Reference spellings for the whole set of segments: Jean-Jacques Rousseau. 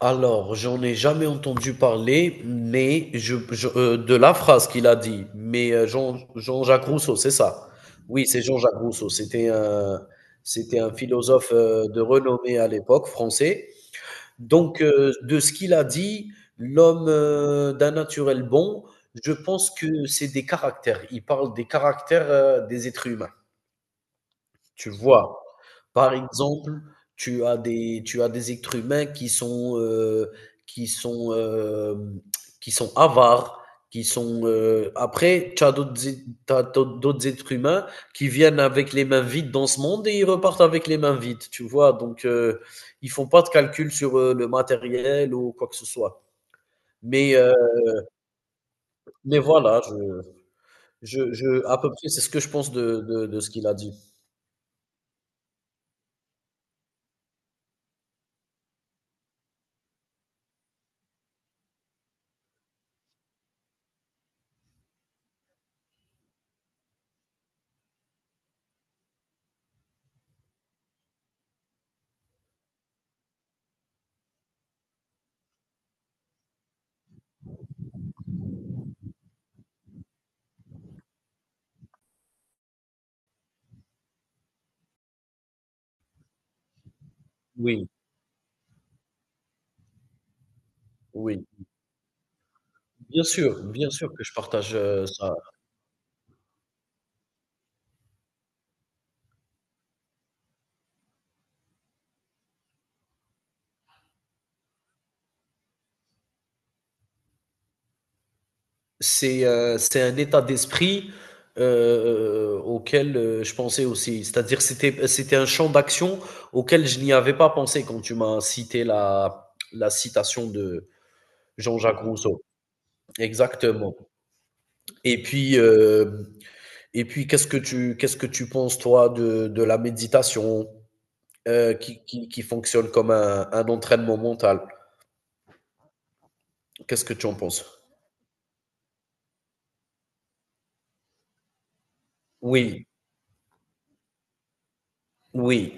Alors, j'en ai jamais entendu parler, mais de la phrase qu'il a dit. Mais Jean-Jacques Rousseau, c'est ça. Oui, c'est Jean-Jacques Rousseau. C'était un philosophe de renommée à l'époque, français. Donc, de ce qu'il a dit, l'homme d'un naturel bon, je pense que c'est des caractères. Il parle des caractères des êtres humains. Tu vois? Par exemple, tu as des êtres humains qui sont, hem, qui sont avares, après tu as d'autres êtres humains qui viennent avec les mains vides dans ce monde et ils repartent avec les mains vides, tu vois? Donc, ils font pas de calcul sur, le matériel ou quoi que ce soit. Mais, heu, mais voilà, je à peu près, c'est ce que je pense de ce qu'il a dit. Oui, oui. Bien sûr que je partage, ça. C'est un état d'esprit auquel, je pensais aussi. C'est-à-dire c'était un champ d'action auquel je n'y avais pas pensé quand tu m'as cité la citation de Jean-Jacques Rousseau. Exactement. Et puis, hem et puis qu'est-ce que tu penses toi de la méditation, qui fonctionne comme un entraînement mental? Qu'est-ce que tu en penses? Oui, oui,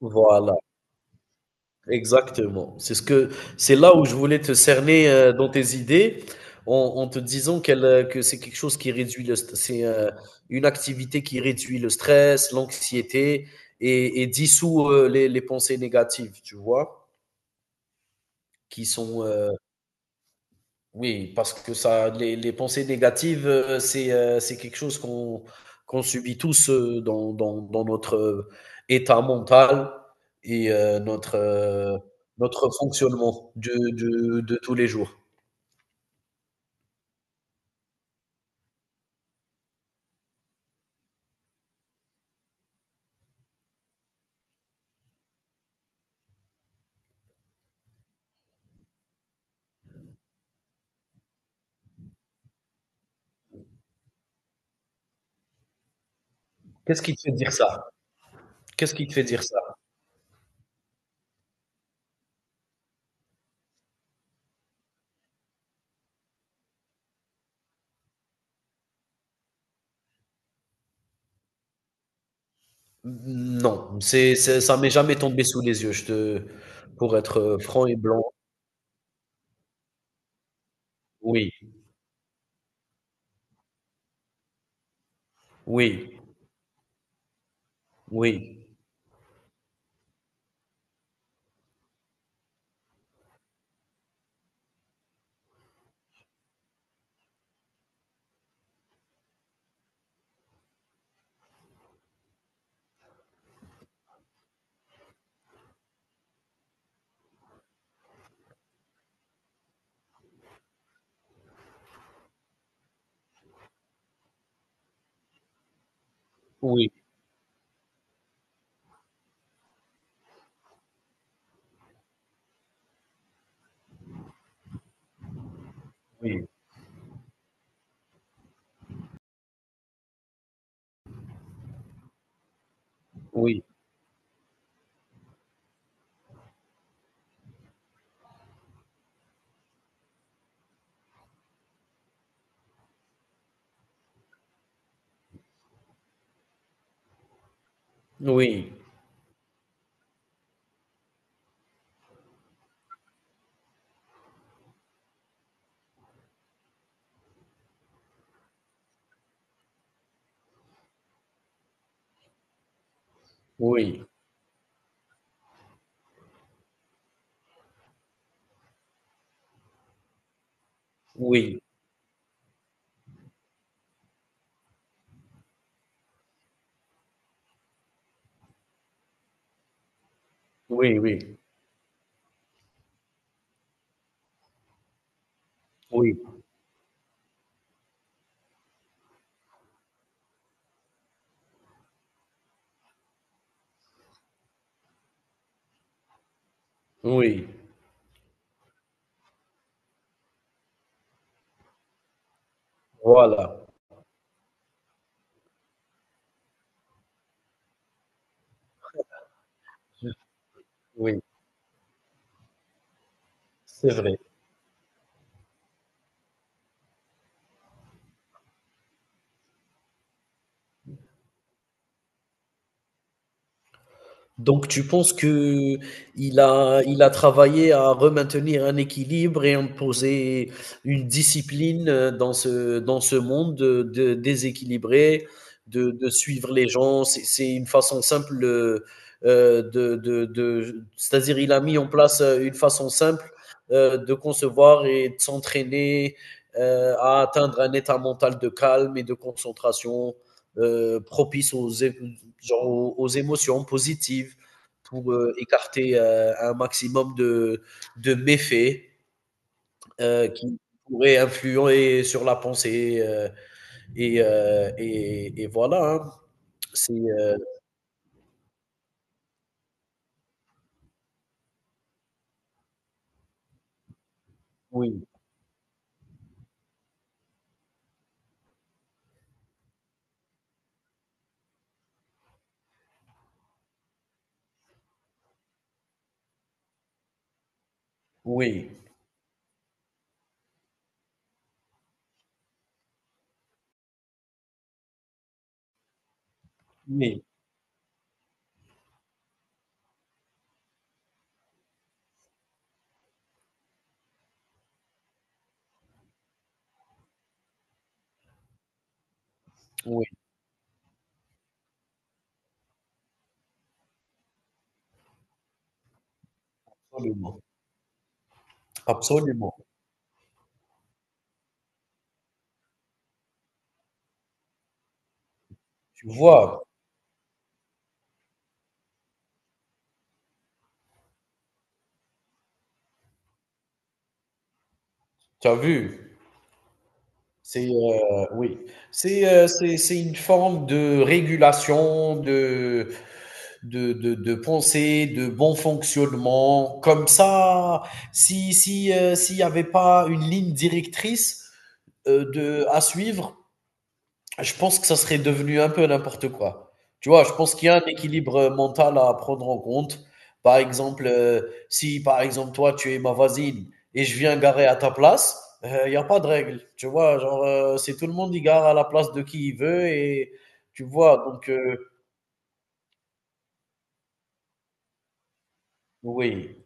voilà. Exactement. C'est ce que c'est là où je voulais te cerner dans tes idées, en te disant que c'est quelque chose qui réduit le st- c'est une activité qui réduit le stress, l'anxiété et dissout les pensées négatives, tu vois, qui sont oui, parce que ça, les pensées négatives, c'est quelque chose qu'on subit tous dans notre état mental et notre fonctionnement de tous les jours. Qu'est-ce qui te fait dire ça? Qu'est-ce qui te fait dire ça? Non, ça m'est jamais tombé sous les yeux, pour être franc et blanc. Oui, oui, oui, oui, oui, oui, oui, oui, oui, oui, oui, oui. Oui. Oui, voilà. Oui, c'est vrai. Donc, tu penses que il a travaillé à remaintenir un équilibre et imposer une discipline dans ce monde déséquilibré, de suivre les gens. C'est une façon simple c'est-à-dire il a mis en place une façon simple de concevoir et de s'entraîner à atteindre un état mental de calme et de concentration propice genre aux émotions positives pour écarter un maximum de méfaits qui pourraient influer sur la pensée. Et voilà, hein. c'est oui, oui, oui, oui, absolument, absolument. Tu vois, tu as vu, c'est oui, c'est une forme de régulation de pensée, de bon fonctionnement. Comme ça, si si s'il n'y avait pas une ligne directrice de à suivre, je pense que ça serait devenu un peu n'importe quoi. Tu vois, je pense qu'il y a un équilibre mental à prendre en compte. Par exemple, si par exemple toi tu es ma voisine et je viens garer à ta place, il n'y a pas de règle. Tu vois, genre c'est tout le monde qui gare à la place de qui il veut et tu vois, donc oui,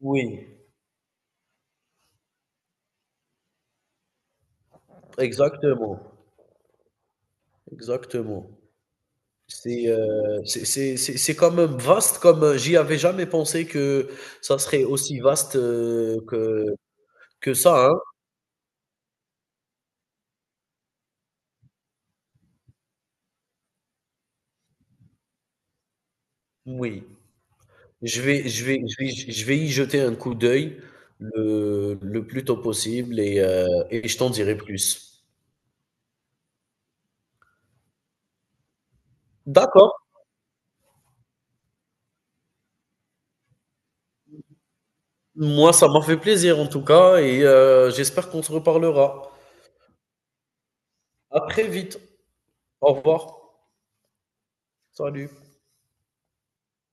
oui, exactement. Exactement. C'est quand même vaste comme, j'y avais jamais pensé que ça serait aussi vaste, que ça, hein. Oui, je vais y jeter un coup d'œil le plus tôt possible et je t'en dirai plus. D'accord, moi ça m'a fait plaisir en tout cas et j'espère qu'on se reparlera. À très vite. Au revoir. Salut.